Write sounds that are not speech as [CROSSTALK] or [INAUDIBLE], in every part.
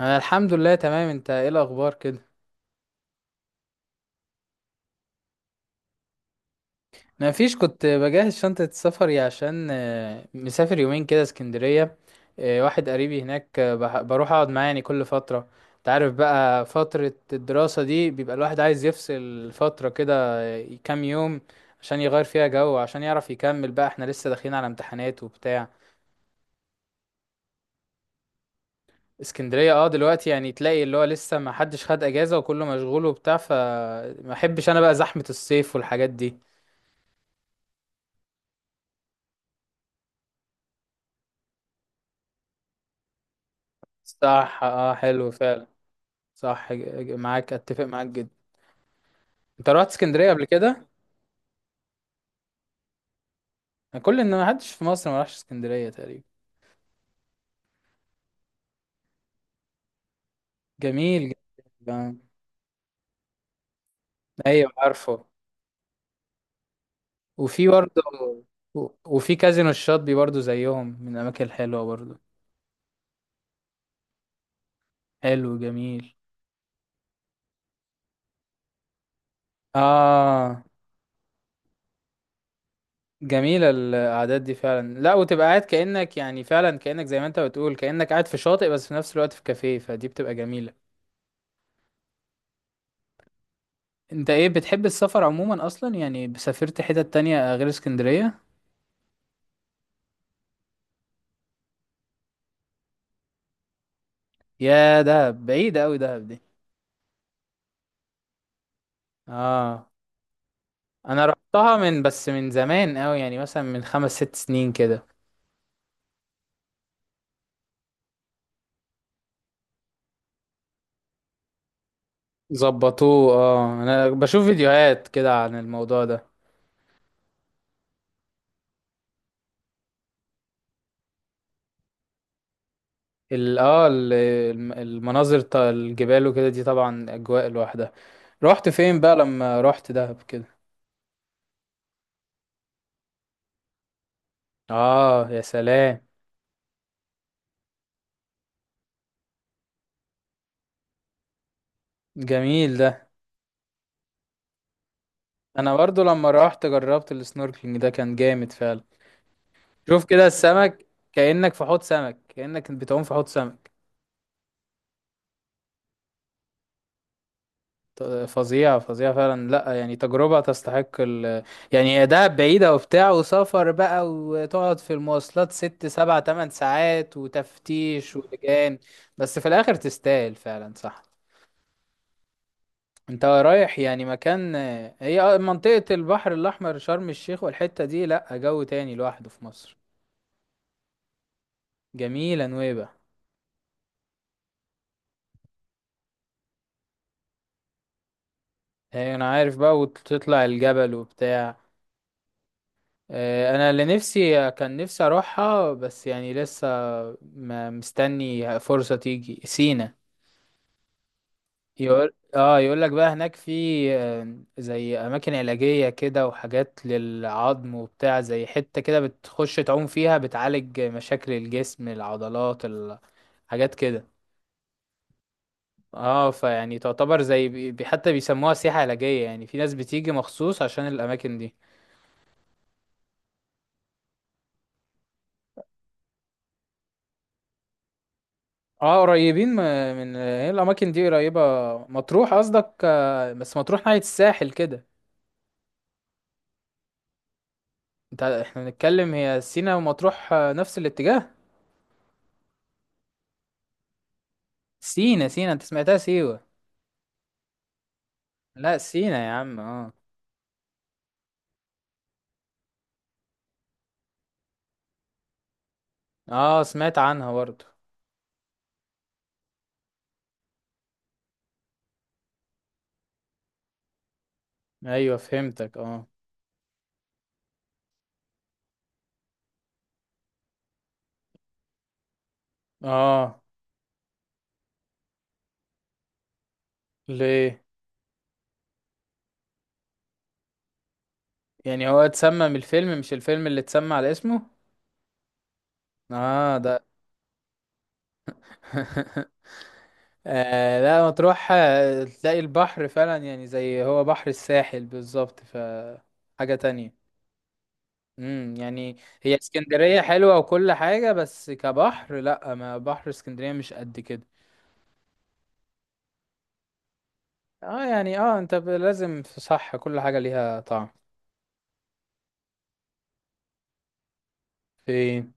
انا الحمد لله، تمام. انت ايه الاخبار كده؟ انا مفيش، كنت بجهز شنطة سفري عشان مسافر يومين كده اسكندرية. واحد قريبي هناك، بروح اقعد معاه يعني كل فترة. انت عارف بقى، فترة الدراسة دي بيبقى الواحد عايز يفصل فترة كده. كام يوم، عشان يغير فيها جو، عشان يعرف يكمل بقى، احنا لسه داخلين على امتحانات وبتاع. اسكندرية دلوقتي يعني تلاقي اللي هو لسه ما حدش خد اجازة وكله مشغول وبتاع، فما احبش انا بقى زحمة الصيف والحاجات دي. صح، اه، حلو فعلا. صح. اتفق معاك جدا. انت رحت اسكندريه قبل كده؟ كل ان ما حدش في مصر ما راحش اسكندريه تقريبا. جميل جدا. آه. ايوه، عارفه. وفي برضه. وفي كازينو الشاطبي برضه، زيهم من الاماكن الحلوه برضه. حلو جميل. اه، جميله القعدات دي فعلا. لا، وتبقى قاعد كانك يعني فعلا كانك زي ما انت بتقول، كانك قاعد في شاطئ بس في نفس الوقت في كافيه، فدي بتبقى جميله. انت ايه، بتحب السفر عموما اصلا؟ يعني سافرت حتت تانية غير اسكندرية؟ يا دهب، بعيدة اوي دهب دي. اه، انا رحتها بس من زمان اوي، يعني مثلا من خمس ست سنين كده. ظبطوه. اه، انا بشوف فيديوهات كده عن الموضوع ده. ال اه ال- الم- المناظر بتاع الجبال وكده دي طبعا اجواء لوحدها. رحت فين بقى لما رحت دهب كده؟ اه، يا سلام. جميل ده. انا برضو لما رحت جربت السنوركلينج ده كان جامد فعلا. شوف كده السمك، كأنك في حوض سمك، كأنك بتعوم في حوض سمك. فظيع فظيع فعلا. لا، يعني تجربة تستحق. يعني هي دهب بعيدة وبتاع، وسفر بقى وتقعد في المواصلات ست سبع تمن ساعات وتفتيش ولجان، بس في الآخر تستاهل فعلا، صح. انت رايح يعني مكان؟ هي منطقة البحر الأحمر، شرم الشيخ والحتة دي، لا، جو تاني لوحده في مصر. جميلة نويبة. هي أنا عارف بقى، وتطلع الجبل وبتاع. انا اللي نفسي كان نفسي اروحها، بس يعني لسه مستني فرصة تيجي سينا. يقول لك بقى هناك في زي اماكن علاجية كده، وحاجات للعظم وبتاع، زي حتة كده بتخش تعوم فيها بتعالج مشاكل الجسم، العضلات. حاجات كده. اه، فيعني تعتبر زي حتى بيسموها سياحة علاجية، يعني في ناس بتيجي مخصوص عشان الاماكن دي. اه، قريبين من، هي الاماكن دي قريبه؟ مطروح قصدك؟ بس مطروح ناحيه الساحل كده. انت، احنا بنتكلم هي سينا ومطروح نفس الاتجاه. سينا، سينا، انت سمعتها سيوه؟ لا، سينا يا عم، اه. اه، سمعت عنها برضه. ايوه، فهمتك، اه. اه. ليه؟ يعني هو اتسمى من الفيلم، مش الفيلم اللي اتسمى على اسمه؟ اه، ده. [LAUGHS] آه، لا، مطروح تلاقي البحر فعلا، يعني زي هو بحر الساحل بالظبط، ف. حاجه تانية. يعني. هي اسكندرية حلوة وكل حاجة، بس كبحر لا، ما بحر اسكندرية مش قد كده. اه، يعني، انت لازم في، صح، كل حاجة ليها طعم. فين؟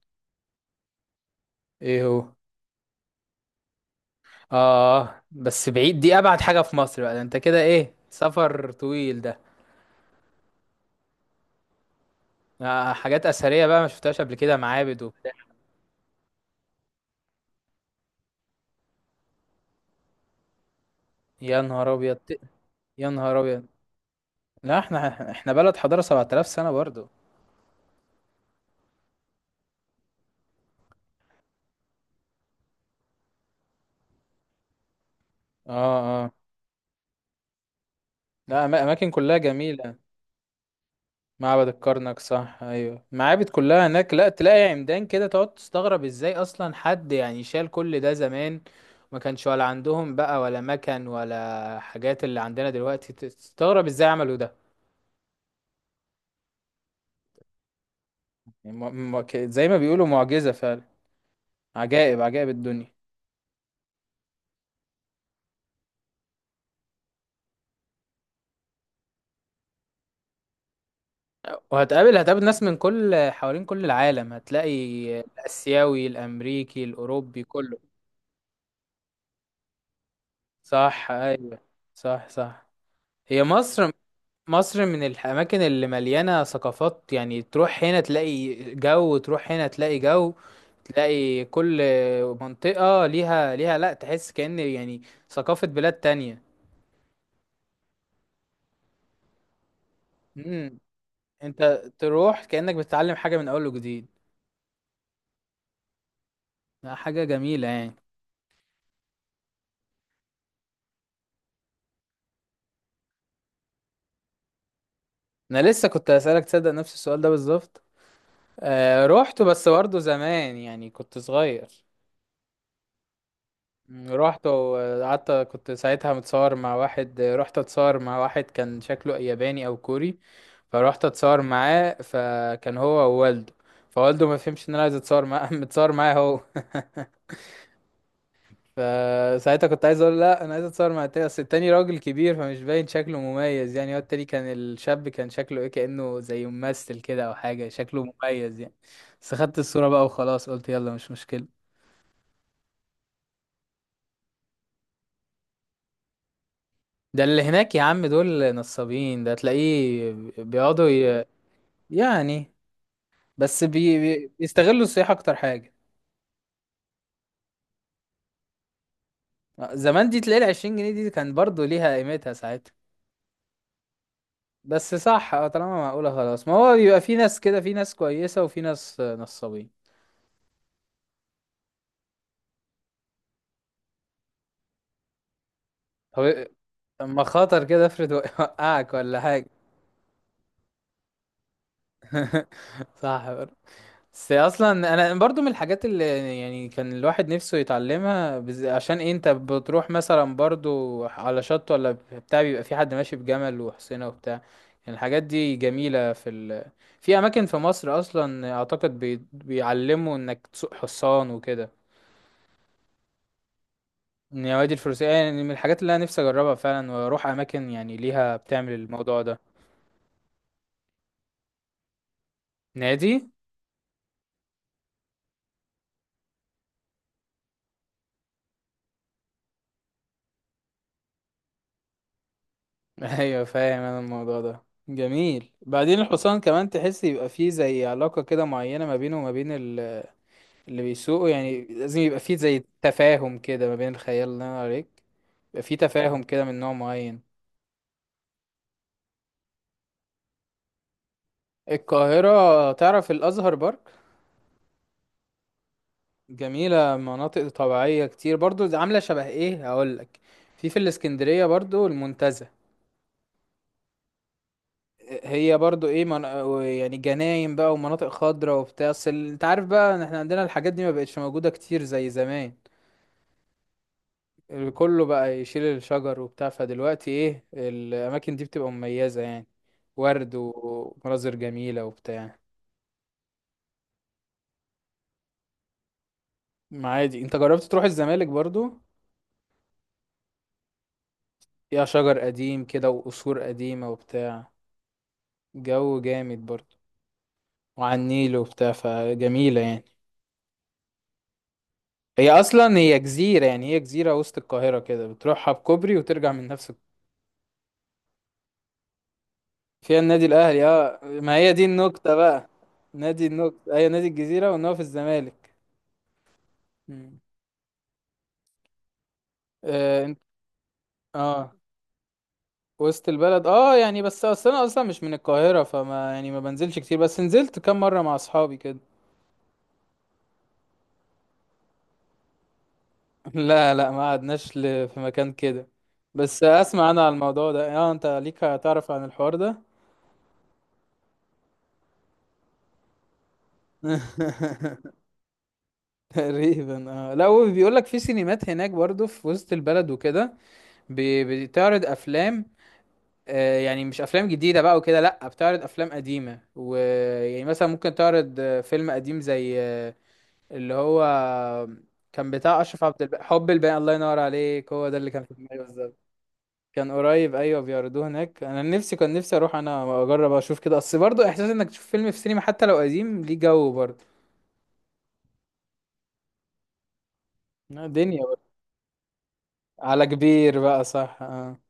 ايه هو؟ اه، بس بعيد دي، ابعد حاجة في مصر بقى ده، انت كده ايه، سفر طويل ده. حاجات اثرية بقى ما شفتهاش قبل كده، معابد وبتاع. يا نهار ابيض. يا نهار ابيض. لا، احنا بلد حضارة 7000 سنة برضو. اه، اه. لا، اماكن كلها جميلة. معبد الكرنك، صح، ايوه، معابد كلها هناك، لا تلاقي عمدان كده تقعد تستغرب ازاي اصلا حد يعني شال كل ده زمان. ما كانش ولا عندهم بقى، ولا مكن، ولا حاجات اللي عندنا دلوقتي، تستغرب ازاي عملوا ده. يعني، زي ما بيقولوا معجزة فعلا. عجائب، عجائب الدنيا. وهتقابل ناس من كل حوالين كل العالم، هتلاقي الآسيوي، الأمريكي، الأوروبي، كله. صح، أيوه. صح، صح. هي مصر. مصر من الأماكن اللي مليانة ثقافات، يعني تروح هنا تلاقي جو، تروح هنا تلاقي جو. تلاقي كل منطقة ليها، لأ، تحس كأن، يعني ثقافة بلاد تانية. مم. أنت تروح كأنك بتتعلم حاجة من أول وجديد. لأ، حاجة جميلة يعني. أنا لسه كنت هسألك، تصدق نفس السؤال ده بالظبط. رحت بس برضه زمان، يعني كنت صغير. رحت وقعدت كنت ساعتها متصور مع واحد، رحت اتصور مع واحد كان شكله ياباني أو كوري. فروحت اتصور معاه، فكان هو ووالده. فوالده ما فهمش ان انا عايز اتصور معاه، [LAUGHS] متصور معاه هو. فساعتها كنت عايز اقول لا، انا عايز اتصور مع التاني، اصل التاني راجل كبير فمش باين شكله مميز، يعني هو التاني كان الشاب، كان شكله ايه، كأنه زي ممثل كده او حاجة، شكله مميز يعني. بس خدت الصورة بقى وخلاص، قلت يلا مش مشكلة. ده اللي هناك يا عم، دول نصابين، ده تلاقيه بيقعدوا. يعني، بس بيستغلوا السياحة اكتر حاجة. زمان دي تلاقي العشرين جنيه دي كان برضو ليها قيمتها ساعتها. بس صح، اه، طالما معقولة خلاص، ما هو بيبقى في ناس كده، في ناس كويسة وفي ناس نصابين. طب إيه- اما خاطر كده افرض وقعك، ولا حاجة؟ [LAUGHS] صح برضه. بس اصلا انا برضو من الحاجات اللي، يعني كان الواحد نفسه يتعلمها. عشان إيه، انت بتروح مثلا برضو على شط ولا بتاع بيبقى في حد ماشي بجمل وحصينة وبتاع. يعني الحاجات دي جميلة. في اماكن في مصر اصلا اعتقد بيعلموا انك تسوق حصان وكده. يا وادي الفلوسية، يعني من الحاجات اللي أنا نفسي أجربها فعلا وأروح أماكن يعني ليها بتعمل الموضوع ده. نادي. [LAUGHS] أيوة، فاهم أنا الموضوع ده. جميل، بعدين الحصان كمان تحس يبقى فيه زي علاقة كده معينة ما بينه وما بين. اللي بيسوقه، يعني لازم يبقى فيه زي تفاهم كده ما بين الخيال اللي أنا عليك، يبقى فيه تفاهم كده من نوع معين. القاهرة، تعرف الأزهر بارك؟ جميلة، مناطق طبيعية كتير برضو، عاملة شبه إيه هقولك. في الإسكندرية برضو المنتزه. هي برضو ايه. يعني جناين بقى ومناطق خضراء وبتاع، بس انت عارف بقى ان احنا عندنا الحاجات دي ما بقتش موجودة كتير زي زمان. كله بقى يشيل الشجر وبتاع، فدلوقتي ايه، الاماكن دي بتبقى مميزة يعني، ورد ومناظر جميلة وبتاع. ما عادي، انت جربت تروح الزمالك برضو؟ فيها شجر قديم كده وقصور قديمة وبتاع. جو جامد برضو، وعلى النيل وبتاع فجميلة يعني. هي اصلا هي جزيره، يعني هي جزيره وسط القاهره كده، بتروحها بكوبري وترجع من نفس. فيها النادي الاهلي، اه، ما هي دي النكته بقى. نادي النكته هي نادي الجزيره، وان هو في الزمالك. مم. اه، انت. اه، وسط البلد، يعني بس اصل انا اصلا مش من القاهره، فما يعني ما بنزلش كتير، بس نزلت كام مره مع اصحابي كده. [LAUGHS] لا، لا، ما قعدناش في مكان كده. بس اسمع انا على الموضوع ده، اه، انت ليك هتعرف عن الحوار ده. [LAUGHS] تقريبا، اه، لا هو بيقول لك في سينمات هناك برضو في وسط البلد وكده، بتعرض افلام. يعني مش افلام جديده بقى وكده، لا بتعرض افلام قديمه، ويعني مثلا ممكن تعرض فيلم قديم زي اللي هو كان بتاع اشرف عبد الباقي، حب الباقي، الله ينور عليك، هو ده اللي كان في دماغي بالظبط. كان قريب، ايوه بيعرضوه هناك، انا نفسي كان نفسي اروح انا واجرب اشوف كده، اصل برضه احساس انك تشوف فيلم في سينما حتى لو قديم ليه جو برضه. لا، دنيا برضه. على كبير بقى، صح، اه.